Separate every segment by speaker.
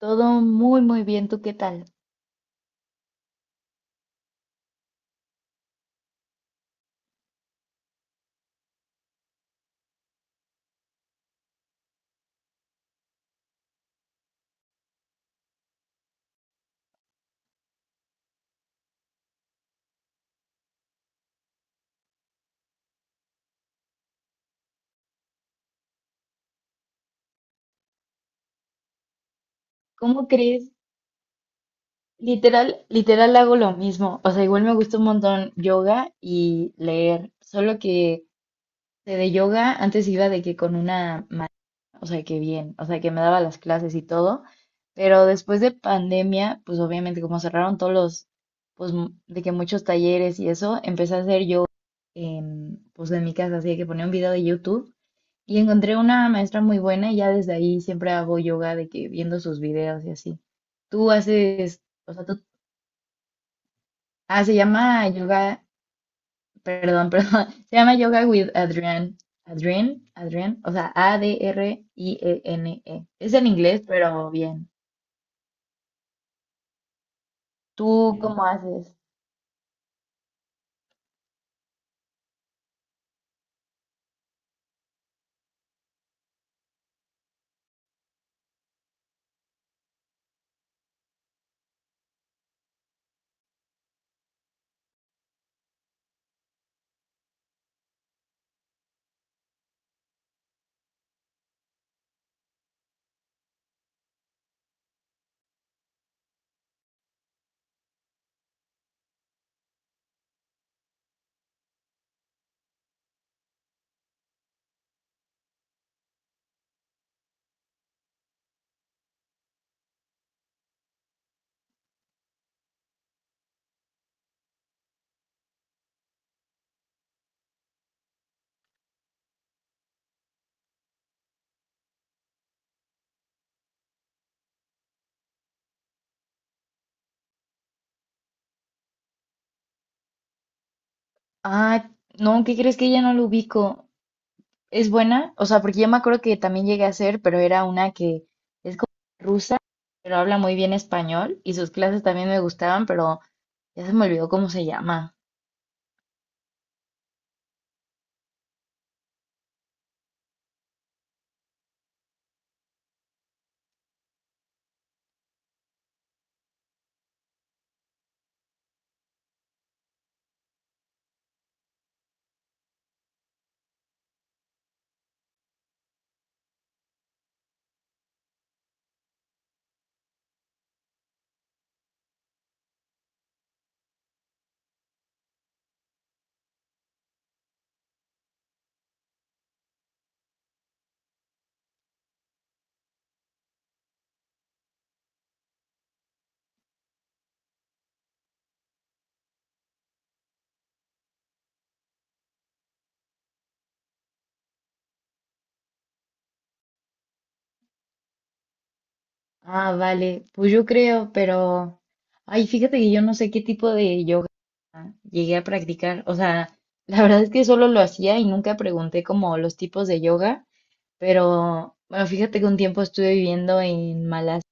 Speaker 1: Todo muy, muy bien. ¿Tú qué tal? ¿Cómo crees? Literal, literal hago lo mismo. O sea, igual me gusta un montón yoga y leer. Solo que de yoga antes iba de que con una ma- o sea, que bien, o sea, que me daba las clases y todo. Pero después de pandemia, pues obviamente como cerraron todos los, pues m- de que muchos talleres y eso, empecé a hacer yoga en, pues en mi casa. Así que ponía un video de YouTube y encontré una maestra muy buena y ya desde ahí siempre hago yoga de que viendo sus videos y así. Tú haces, o sea, tú, se llama yoga, perdón, perdón, se llama Yoga with Adrián Adrián, o sea, A-D-R-I-E-N-E. Es en inglés, pero bien. ¿Tú Mm. cómo haces? Ah, no, ¿qué crees que ya no lo ubico? ¿Es buena? O sea, porque yo me acuerdo que también llegué a hacer, pero era una que es como rusa, pero habla muy bien español y sus clases también me gustaban, pero ya se me olvidó cómo se llama. Ah, vale. Pues yo creo, pero... Ay, fíjate que yo no sé qué tipo de yoga llegué a practicar. O sea, la verdad es que solo lo hacía y nunca pregunté como los tipos de yoga. Pero, bueno, fíjate que un tiempo estuve viviendo en Malasia.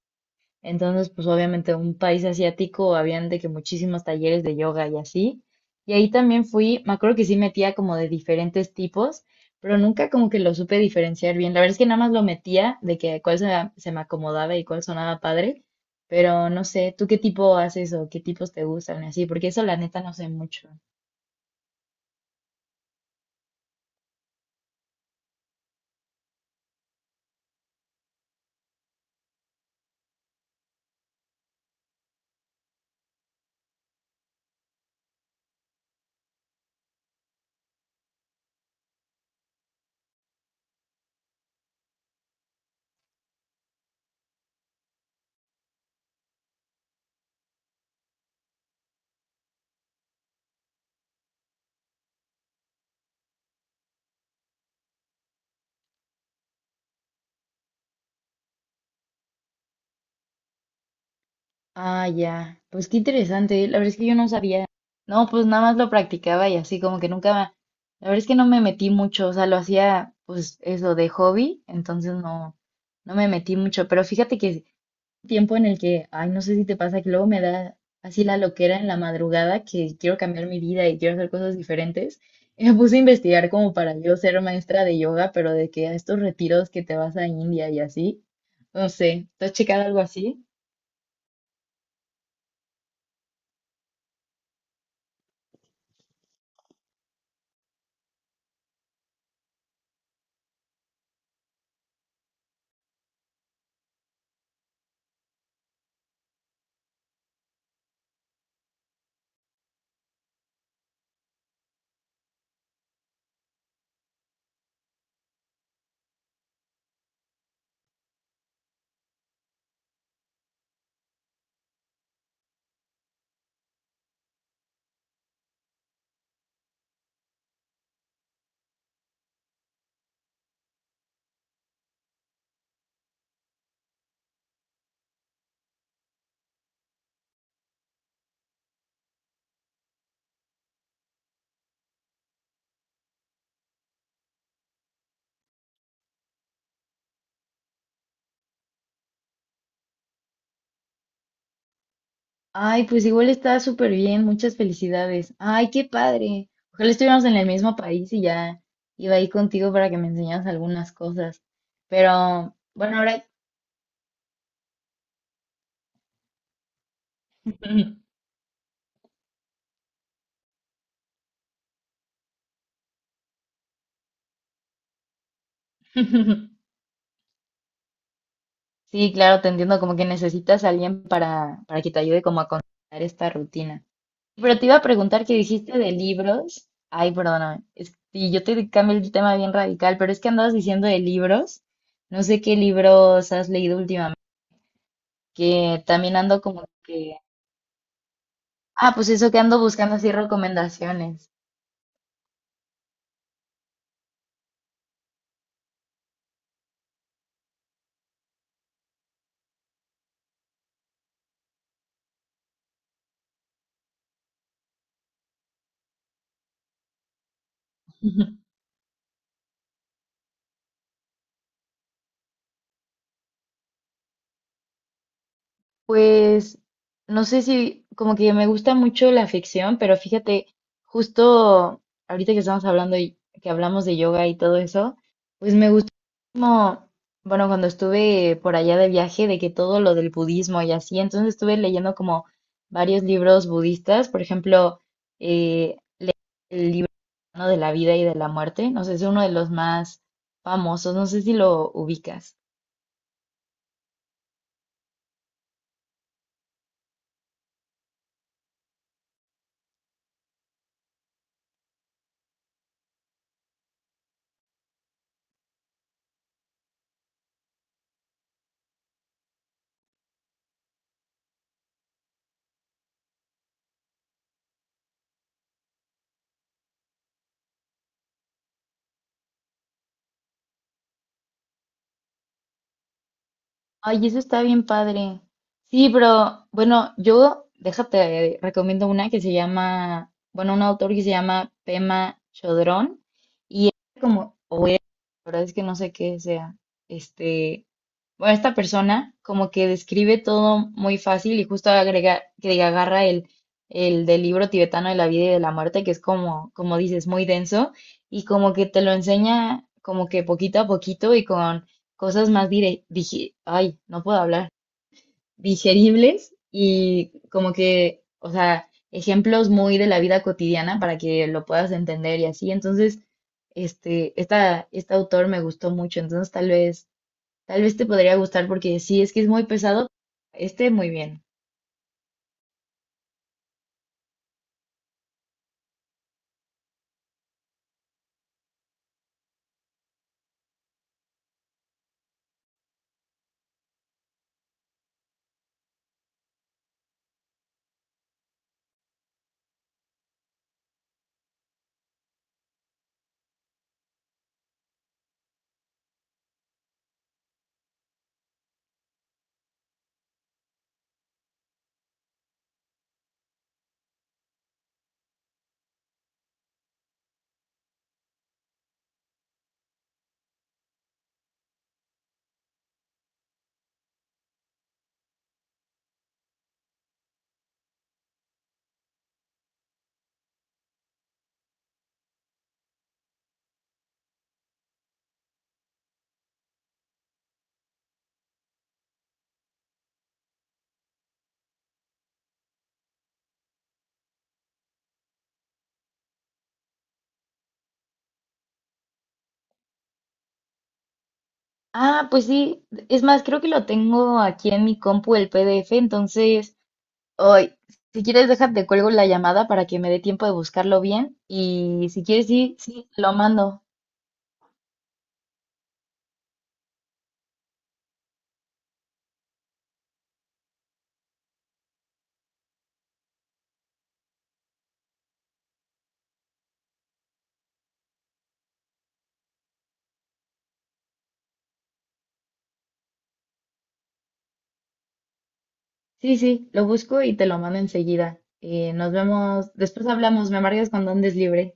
Speaker 1: Entonces, pues obviamente un país asiático, habían de que muchísimos talleres de yoga y así. Y ahí también fui, me acuerdo que sí metía como de diferentes tipos, pero nunca como que lo supe diferenciar bien. La verdad es que nada más lo metía de que cuál se, se me acomodaba y cuál sonaba padre, pero no sé, ¿tú qué tipo haces o qué tipos te gustan y así? Porque eso la neta no sé mucho. Ah, ya. Pues qué interesante. La verdad es que yo no sabía. No, pues nada más lo practicaba y así como que nunca... me- La verdad es que no me metí mucho. O sea, lo hacía pues eso de hobby. Entonces no, no me metí mucho. Pero fíjate que es un tiempo en el que, ay, no sé si te pasa que luego me da así la loquera en la madrugada que quiero cambiar mi vida y quiero hacer cosas diferentes. Y me puse a investigar como para yo ser maestra de yoga, pero de que a estos retiros que te vas a India y así. No sé. ¿Tú has checado algo así? Ay, pues igual está súper bien, muchas felicidades. Ay, qué padre. Ojalá estuviéramos en el mismo país y ya iba ahí contigo para que me enseñaras algunas cosas. Pero bueno, ahora sí, claro, te entiendo, como que necesitas a alguien para que te ayude como a contar esta rutina. Pero te iba a preguntar que dijiste de libros. Ay, perdóname. Es, y yo te cambio el tema bien radical, pero es que andabas diciendo de libros. No sé qué libros has leído últimamente, que también ando como que... Ah, pues eso que ando buscando así recomendaciones. Pues no sé si como que me gusta mucho la ficción, pero fíjate, justo ahorita que estamos hablando y que hablamos de yoga y todo eso, pues me gustó como, bueno, cuando estuve por allá de viaje, de que todo lo del budismo y así, entonces estuve leyendo como varios libros budistas, por ejemplo, eh, el libro, ¿no?, de la vida y de la muerte, no sé, es uno de los más famosos, no sé si lo ubicas. Ay, eso está bien padre. Sí, pero bueno, yo déjate, recomiendo una que se llama, bueno, un autor que se llama Pema Chodrón como, o era, la verdad es que no sé qué sea, este, bueno, esta persona como que describe todo muy fácil y justo agrega, que agarra el del libro tibetano de la vida y de la muerte, que es como, como dices, muy denso, y como que te lo enseña como que poquito a poquito y con cosas más dire, digi- ay, no puedo hablar, digeribles y como que, o sea, ejemplos muy de la vida cotidiana para que lo puedas entender y así. Entonces, este, esta, este autor me gustó mucho, entonces tal vez te podría gustar porque sí, es que es muy pesado. Este, muy bien. Ah, pues sí, es más, creo que lo tengo aquí en mi compu el PDF, entonces, hoy, si quieres, déjate, cuelgo la llamada para que me dé tiempo de buscarlo bien y si quieres, sí, sí, te lo mando. Sí, sí, lo busco y te lo mando enseguida. Nos vemos, después hablamos, me marcas cuando andes libre.